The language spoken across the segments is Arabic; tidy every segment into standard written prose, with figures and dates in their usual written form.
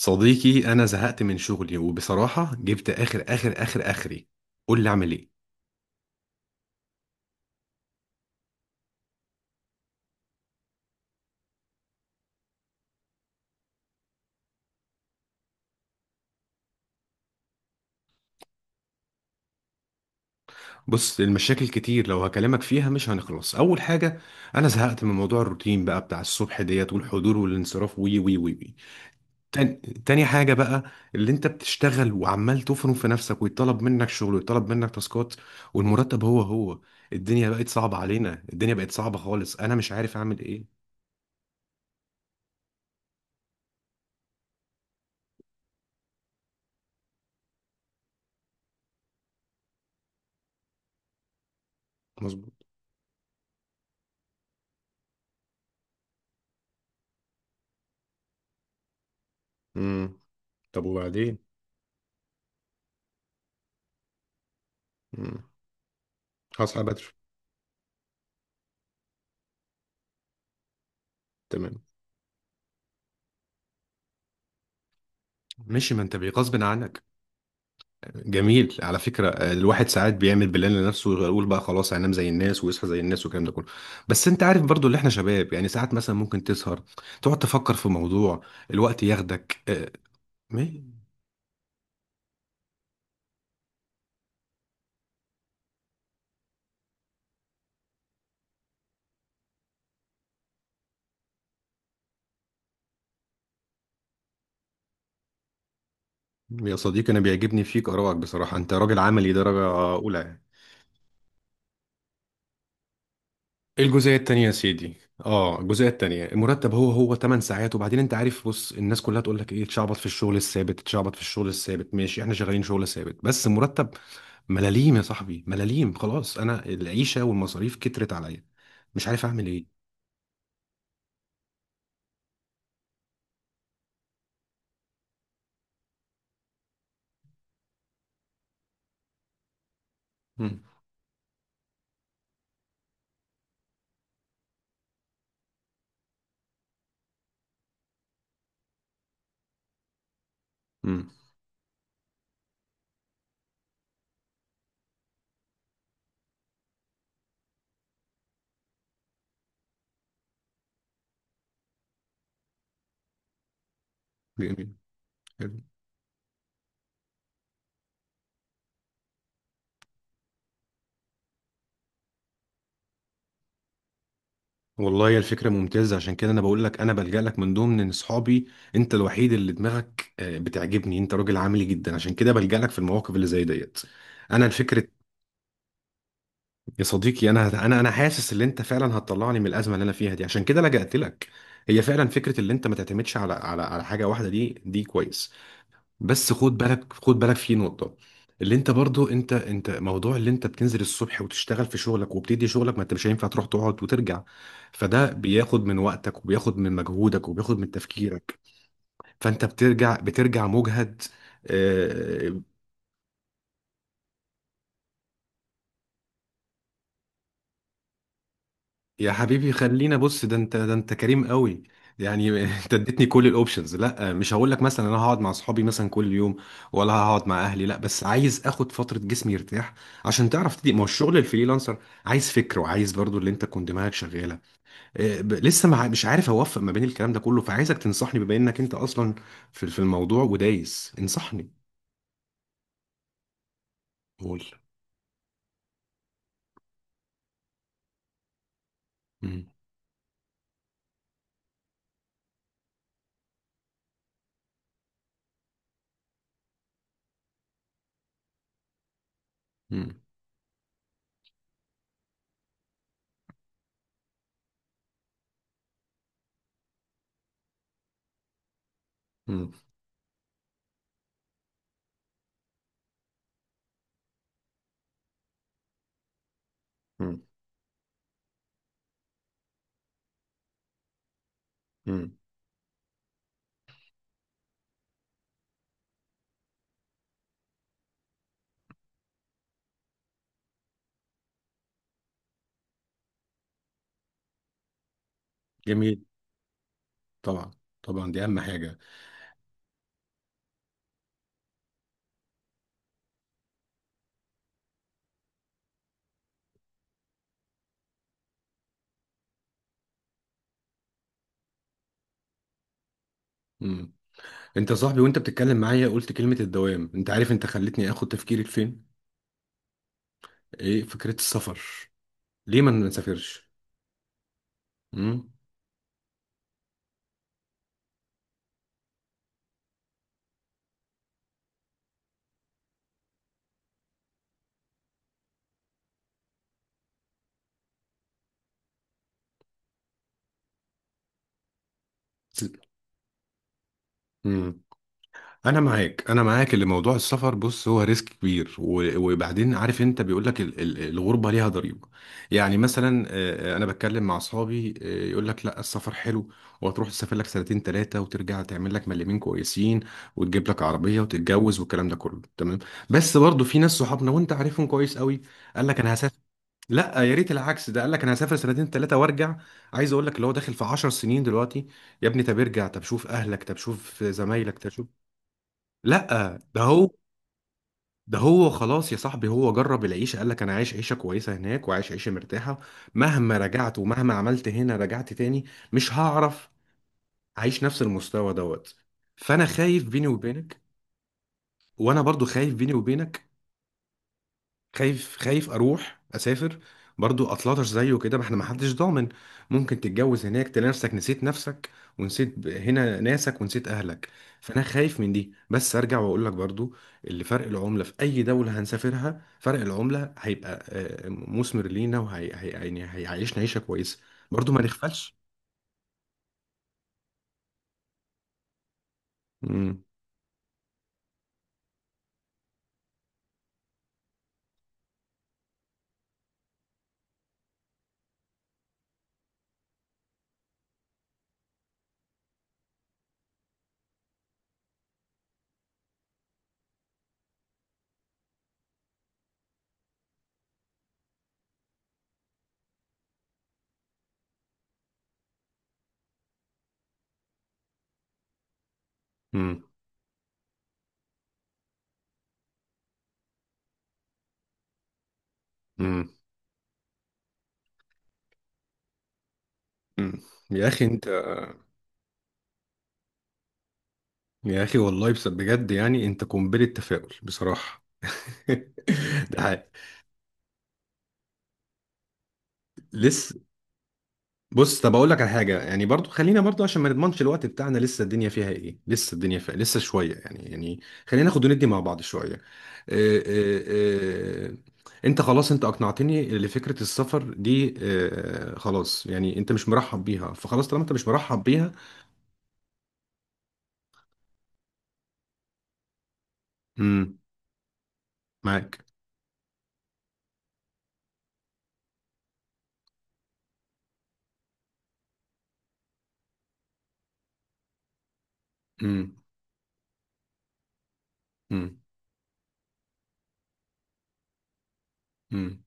صديقي انا زهقت من شغلي وبصراحه جبت اخري. قول لي اعمل ايه؟ بص، المشاكل كتير، لو هكلمك فيها مش هنخلص. اول حاجه، انا زهقت من موضوع الروتين بقى بتاع الصبح ديت، والحضور والانصراف، وي وي وي وي. تاني, تاني حاجه بقى، اللي انت بتشتغل وعمال تفرم في نفسك، ويطلب منك شغل ويطلب منك تاسكات، والمرتب هو هو. الدنيا بقت صعبه علينا، الدنيا بقت صعبه خالص، انا مش عارف اعمل ايه. مظبوط. امم، طب وبعدين؟ امم، هصحى بدري. تمام، ماشي، ما انت بغصب عنك. جميل. على فكرة، الواحد ساعات بيعمل بلان لنفسه ويقول بقى خلاص هينام زي الناس ويصحى زي الناس والكلام ده كله. بس انت عارف برضو، اللي احنا شباب يعني، ساعات مثلا ممكن تسهر تقعد تفكر في موضوع، الوقت ياخدك. اه، ما- يا صديقي، انا بيعجبني فيك ارائك بصراحة، انت راجل عملي درجة اولى يعني. الجزئية التانية يا سيدي. اه، الجزئية التانية، المرتب هو هو، 8 ساعات، وبعدين انت عارف. بص، الناس كلها تقول لك ايه: تشعبط في الشغل الثابت، تشعبط في الشغل الثابت. ماشي، احنا شغالين شغل ثابت، بس المرتب ملاليم يا صاحبي، ملاليم. خلاص، انا العيشة والمصاريف كترت عليا، مش عارف اعمل ايه. مم. مم. جميل. حلو. والله يا الفكرة ممتازة، عشان كده انا بقول لك، انا بلجأ لك من ضمن اصحابي. انت الوحيد اللي دماغك بتعجبني، انت راجل عملي جدا، عشان كده بلجأ لك في المواقف اللي زي ديت. انا الفكرة، يا صديقي، انا حاسس ان انت فعلا هتطلعني من الازمه اللي انا فيها دي، عشان كده لجأت لك. هي فعلا فكره، اللي انت ما تعتمدش على حاجه واحده، دي كويس. بس خد بالك، خد بالك في نقطه. اللي انت برضو، انت موضوع اللي انت بتنزل الصبح وتشتغل في شغلك وبتدي شغلك، ما انت مش هينفع تروح تقعد وترجع. فده بياخد من وقتك، وبياخد من مجهودك، وبياخد من تفكيرك. فانت بترجع مجهد. آه، يا حبيبي، خلينا بص، ده انت كريم قوي. يعني انت اديتني كل الاوبشنز. لا، مش هقول لك مثلا انا هقعد مع اصحابي مثلا كل يوم، ولا هقعد مع اهلي، لا، بس عايز اخد فتره جسمي يرتاح. عشان تعرف تدي، ما هو الشغل الفريلانسر عايز فكر، وعايز برضو اللي انت تكون دماغك شغاله. اه، لسه مع، مش عارف اوفق ما بين الكلام ده كله. فعايزك تنصحني بما انك انت اصلا في الموضوع ودايس. انصحني. قول. مم. مم. مم. مم. مم. جميل. طبعا. طبعا، دي اهم حاجه. انت يا صاحبي، وانت بتتكلم معايا قلت كلمة الدوام، انت عارف انت خلتني اخد تفكيري لفين؟ ايه فكرة السفر؟ ليه ما نسافرش؟ امم. س- امم، انا معاك، انا معاك. اللي موضوع السفر، بص هو ريسك كبير، وبعدين عارف، انت بيقول لك، الغربة ليها ضريبة. يعني مثلا انا بتكلم مع اصحابي، يقول لك لا، السفر حلو، وهتروح تسافر لك سنتين ثلاثة وترجع تعمل لك مليمين كويسين وتجيب لك عربية وتتجوز والكلام ده كله تمام. بس برضه في ناس، صحابنا وانت عارفهم كويس قوي، قال لك انا هسافر. لا، يا ريت العكس! ده قال لك انا هسافر سنتين ثلاثه وارجع، عايز اقول لك اللي هو داخل في 10 سنين دلوقتي. يا ابني طب ارجع، طب شوف اهلك، طب شوف زمايلك، طب شوف. لا، ده هو، ده هو. خلاص يا صاحبي، هو جرب العيشه، قال لك انا عايش عيشه كويسه هناك وعايش عيشه مرتاحه. مهما رجعت ومهما عملت هنا، رجعت تاني مش هعرف اعيش نفس المستوى دوت. فانا خايف بيني وبينك، وانا برضو خايف بيني وبينك. خايف، خايف اروح اسافر برضو اطلطش زيه كده، ما احنا، ما حدش ضامن. ممكن تتجوز هناك تلاقي نفسك نسيت نفسك، ونسيت هنا ناسك ونسيت اهلك. فانا خايف من دي. بس ارجع واقول لك برضو، اللي فرق العمله في اي دوله هنسافرها، فرق العمله هيبقى مثمر لينا، يعني هيعيشنا عيشه كويسه. برضو ما نغفلش. مم. مم. مم. مم. يا اخي انت. يا اخي والله بجد يعني انت قنبله تفاؤل بصراحه. ده حقيقي. لسه؟ بص، طب اقول لك على حاجه، يعني برضو خلينا برضو، عشان ما نضمنش الوقت بتاعنا، لسه الدنيا فيها ايه، لسه الدنيا فيها لسه شويه يعني، يعني خلينا ناخد وندي مع بعض شويه. آه. آه. آه. انت خلاص، انت اقنعتني لفكره السفر دي. خلاص يعني، انت مش مرحب بيها، فخلاص طالما انت مش مرحب بيها. امم. معاك. امم. امم. امم.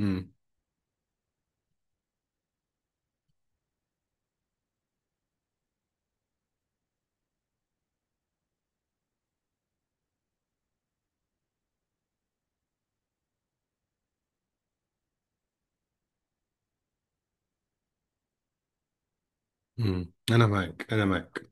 امم. امم، انا معاك، انا معاك.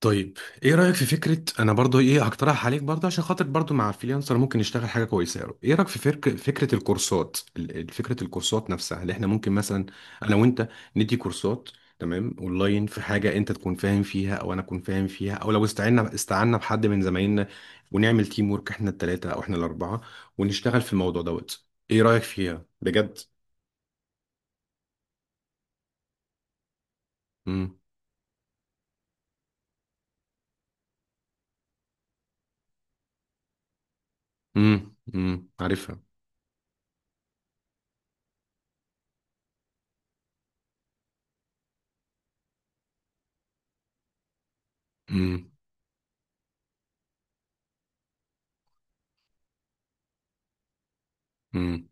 طيب ايه رأيك في فكرة، انا برضو ايه هقترح عليك برضو عشان خاطر، برضو مع الفريلانسر ممكن نشتغل حاجة كويسة يا رب. ايه رأيك في فرق فكرة الكورسات، فكرة الكورسات نفسها، اللي احنا ممكن مثلا انا وانت ندي كورسات، تمام، اونلاين، في حاجة انت تكون فاهم فيها او انا اكون فاهم فيها، او لو استعنا بحد من زمايلنا، ونعمل تيم وورك احنا التلاتة او احنا الاربعة، ونشتغل في الموضوع دوت. ايه رأيك فيها بجد؟ امم. امم. امم، عارفها. امم.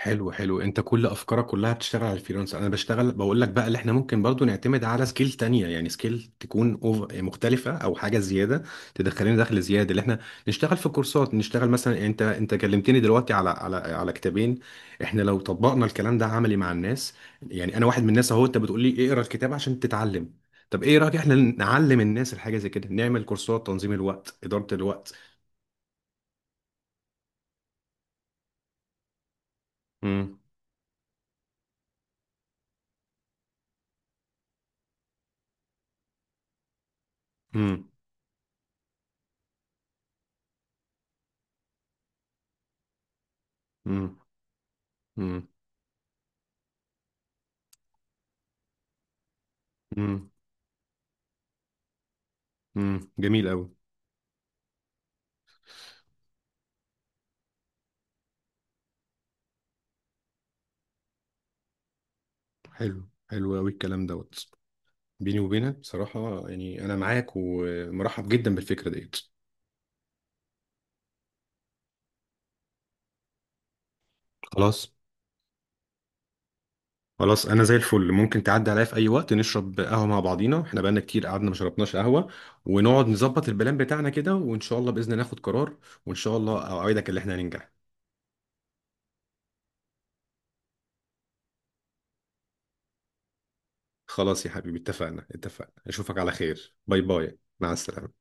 حلو، حلو، انت كل افكارك كلها بتشتغل على الفريلانس. انا بشتغل بقول لك بقى اللي احنا ممكن برضو نعتمد على سكيل تانية، يعني سكيل تكون مختلفة او حاجة زيادة تدخلنا دخل زيادة، اللي احنا نشتغل في كورسات، نشتغل مثلا، يعني انت كلمتني دلوقتي على كتابين. احنا لو طبقنا الكلام ده عملي مع الناس، يعني انا واحد من الناس اهو، انت بتقول لي اقرا الكتاب عشان تتعلم، طب ايه رأيك احنا نعلم الناس الحاجة زي كده، نعمل كورسات تنظيم الوقت، إدارة الوقت. امم. امم. امم. امم. امم، جميل قوي. حلو، حلو قوي الكلام دوت. بيني وبينك بصراحة، يعني أنا معاك ومرحب جدا بالفكرة ديت. خلاص، خلاص، أنا زي الفل، ممكن تعدي عليا في أي وقت نشرب قهوة مع بعضينا، إحنا بقالنا كتير قعدنا ما شربناش قهوة، ونقعد نظبط البلان بتاعنا كده، وإن شاء الله بإذن الله ناخد قرار، وإن شاء الله أوعدك إن إحنا هننجح. خلاص يا حبيبي، اتفقنا، اتفقنا، أشوفك على خير، باي باي، مع السلامة.